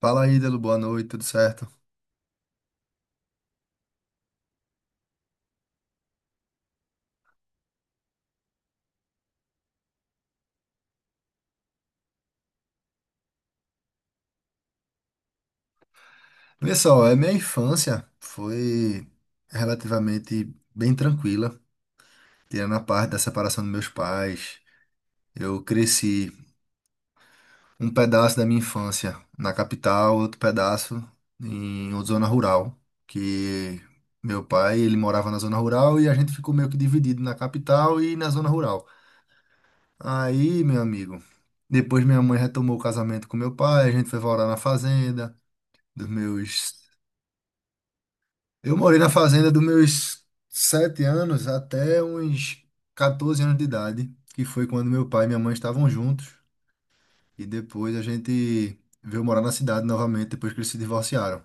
Fala aí, Delo, boa noite, tudo certo? Olha só, a minha infância foi relativamente bem tranquila, tirando a parte da separação dos meus pais. Eu cresci um pedaço da minha infância na capital, outro pedaço em outra zona rural, que meu pai, ele morava na zona rural e a gente ficou meio que dividido na capital e na zona rural. Aí, meu amigo, depois minha mãe retomou o casamento com meu pai, a gente foi morar na fazenda dos meus Eu morei na fazenda dos meus 7 anos até uns 14 anos de idade, que foi quando meu pai e minha mãe estavam juntos. E depois a gente veio morar na cidade novamente, depois que eles se divorciaram.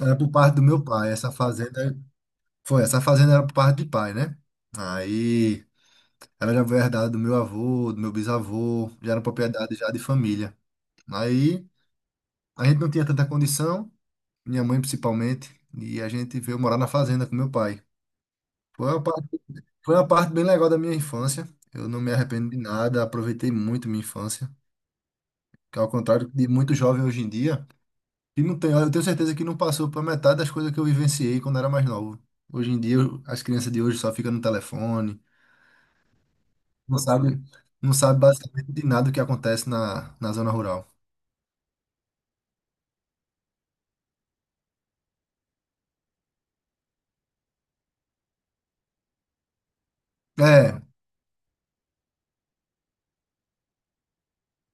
Era por parte do meu pai, essa fazenda era por parte de pai, né? Aí ela já foi herdada do meu avô, do meu bisavô, já era propriedade já de família. Aí a gente não tinha tanta condição, minha mãe principalmente, e a gente veio morar na fazenda com meu pai. Foi uma Foi uma parte bem legal da minha infância. Eu não me arrependo de nada, aproveitei muito minha infância, que ao contrário de muito jovem hoje em dia, que não tem, eu tenho certeza que não passou por metade das coisas que eu vivenciei quando era mais novo. Hoje em dia, as crianças de hoje só ficam no telefone, não sabe, não sabe basicamente de nada o que acontece na zona rural. É,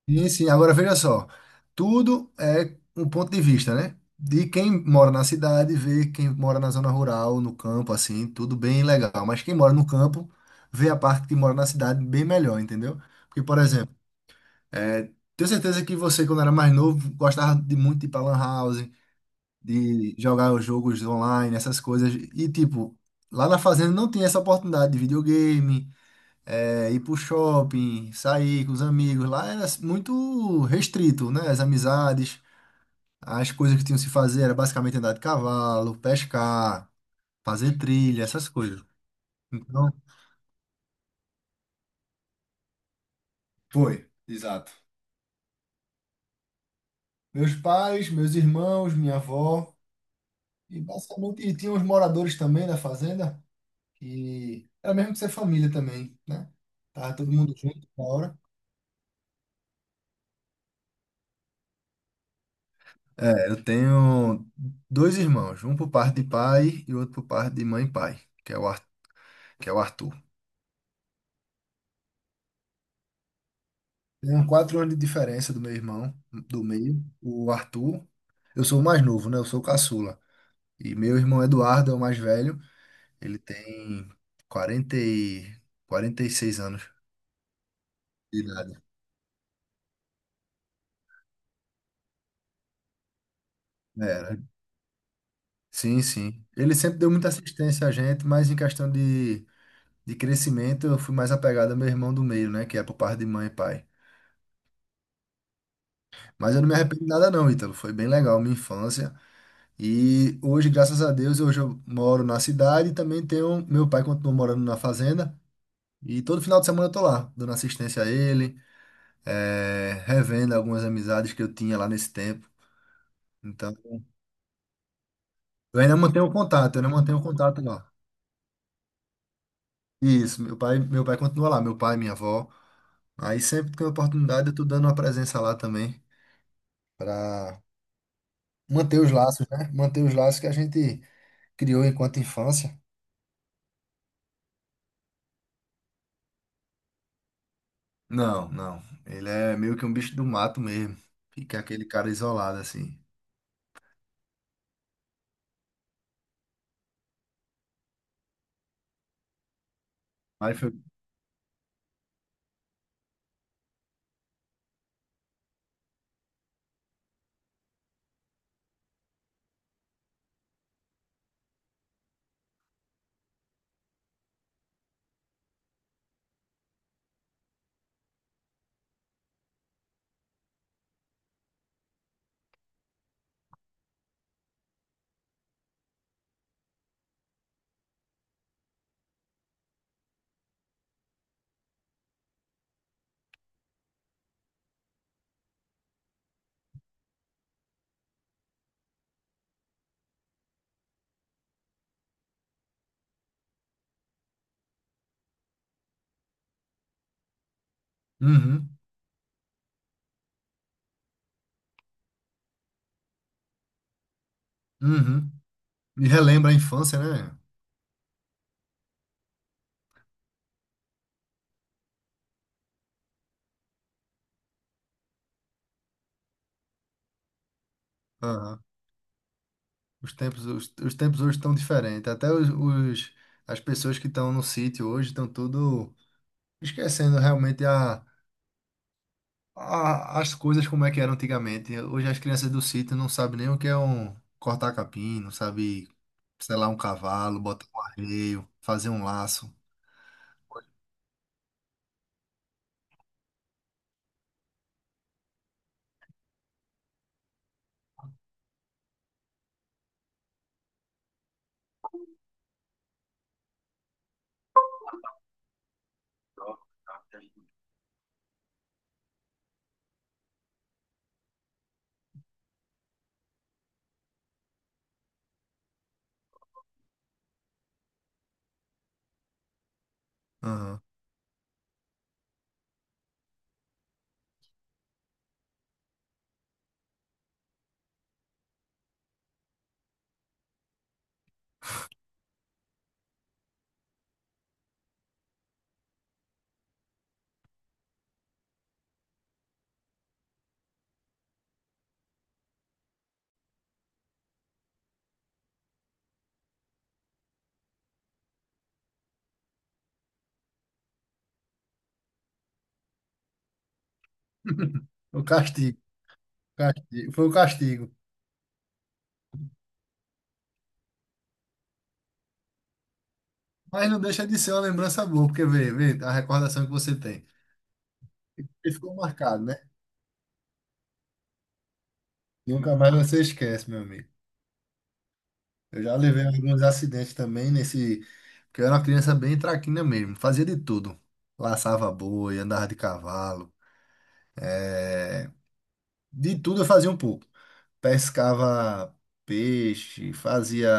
sim, sim. Agora veja só, tudo é um ponto de vista, né? De quem mora na cidade, vê quem mora na zona rural, no campo, assim, tudo bem legal. Mas quem mora no campo, vê a parte que mora na cidade bem melhor, entendeu? Porque, por exemplo, é, tenho certeza que você, quando era mais novo, gostava de muito de ir pra Lan House, de jogar os jogos online, essas coisas. E, tipo, lá na fazenda não tinha essa oportunidade de videogame, ir pro shopping, sair com os amigos. Lá era muito restrito, né? As amizades, as coisas que tinham que se fazer era basicamente andar de cavalo, pescar, fazer trilha, essas coisas. Então, foi, exato. Meus pais, meus irmãos, minha avó, e basicamente e tinha os moradores também da fazenda, que era mesmo que ser família também, né? Tava todo mundo junto na hora. É, eu tenho dois irmãos, um por parte de pai e outro por parte de mãe e pai, que é o Arthur. Tenho 4 anos de diferença do meu irmão, do meio, o Arthur. Eu sou o mais novo, né? Eu sou o caçula. E meu irmão Eduardo é o mais velho. Ele tem 40 e... 46 anos de idade. Era. Sim, sim. Ele sempre deu muita assistência a gente, mas em questão de crescimento, eu fui mais apegado ao meu irmão do meio, né? Que é por parte de mãe e pai. Mas eu não me arrependo de nada, não, Ítalo. Foi bem legal a minha infância. E hoje, graças a Deus, hoje eu moro na cidade e também tenho. Meu pai continua morando na fazenda. E todo final de semana eu tô lá, dando assistência a ele, revendo algumas amizades que eu tinha lá nesse tempo. Então, eu ainda mantenho contato lá. Isso, meu pai continua lá, meu pai, minha avó. Aí sempre que tem oportunidade, eu tô dando uma presença lá também, para manter os laços, né? Manter os laços que a gente criou enquanto infância. Não, não. Ele é meio que um bicho do mato mesmo. Fica aquele cara isolado assim. Mas foi. Uhum, uhum. Me relembra a infância, né? Aham. Os tempos hoje estão diferentes. Até as pessoas que estão no sítio hoje estão tudo esquecendo realmente as coisas como é que eram antigamente. Hoje as crianças do sítio não sabem nem o que é um cortar capim, não sabe selar um cavalo, botar um arreio, fazer um laço. Aham. O castigo. Foi o castigo. Mas não deixa de ser uma lembrança boa, porque vê a recordação que você tem. E ficou marcado, né? Nunca mais você esquece, meu amigo. Eu já levei alguns acidentes também nesse. Porque eu era uma criança bem traquina mesmo. Fazia de tudo. Laçava boi, andava de cavalo. eh, De tudo eu fazia um pouco. Pescava peixe, fazia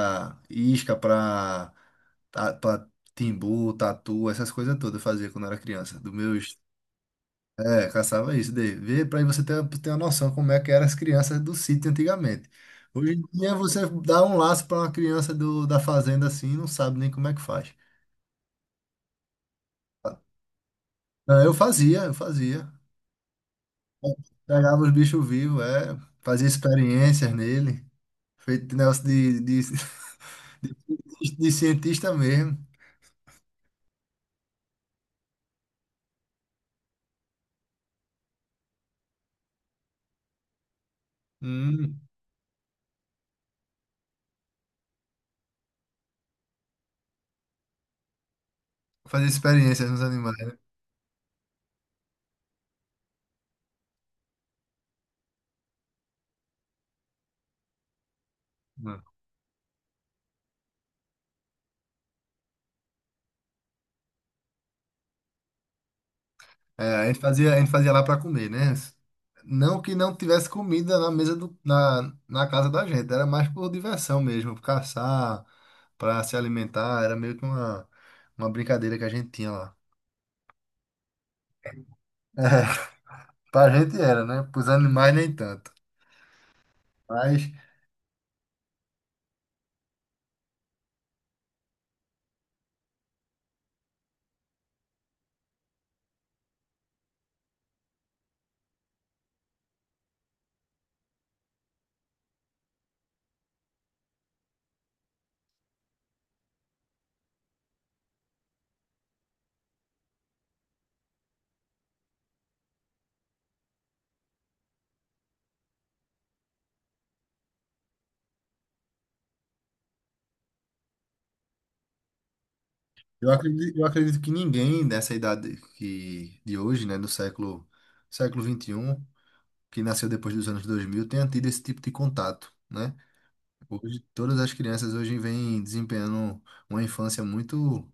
isca pra timbu, tatu, essas coisas todas eu fazia quando eu era criança. Dos meus É, caçava isso daí. Vê para você ter uma noção como é que eram as crianças do sítio antigamente. Hoje em dia você dá um laço para uma criança da fazenda assim, não sabe nem como é que faz. Não, eu fazia, eu fazia. Pegava os bichos vivos, é, fazia experiências nele, feito negócio de cientista mesmo. Hum, fazia experiências nos animais, né? É, a gente fazia lá para comer, né? Não que não tivesse comida na mesa na casa da gente, era mais por diversão mesmo, por caçar, para se alimentar, era meio que uma brincadeira que a gente tinha lá. É, pra gente era, né? Pros animais nem tanto. Mas eu acredito que ninguém dessa idade que, de hoje, né, do século 21 que nasceu depois dos anos 2000 tenha tido esse tipo de contato, né? Hoje, todas as crianças hoje vêm desempenhando uma infância muito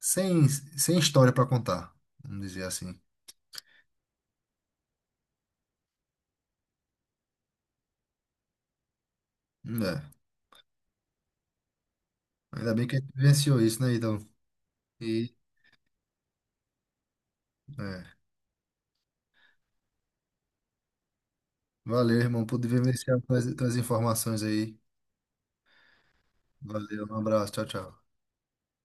sem história para contar, vamos dizer assim. É. Ainda bem que a gente vivenciou isso, né, então? E, é. Valeu, irmão, por vivenciar as informações aí. Valeu, um abraço, tchau, tchau.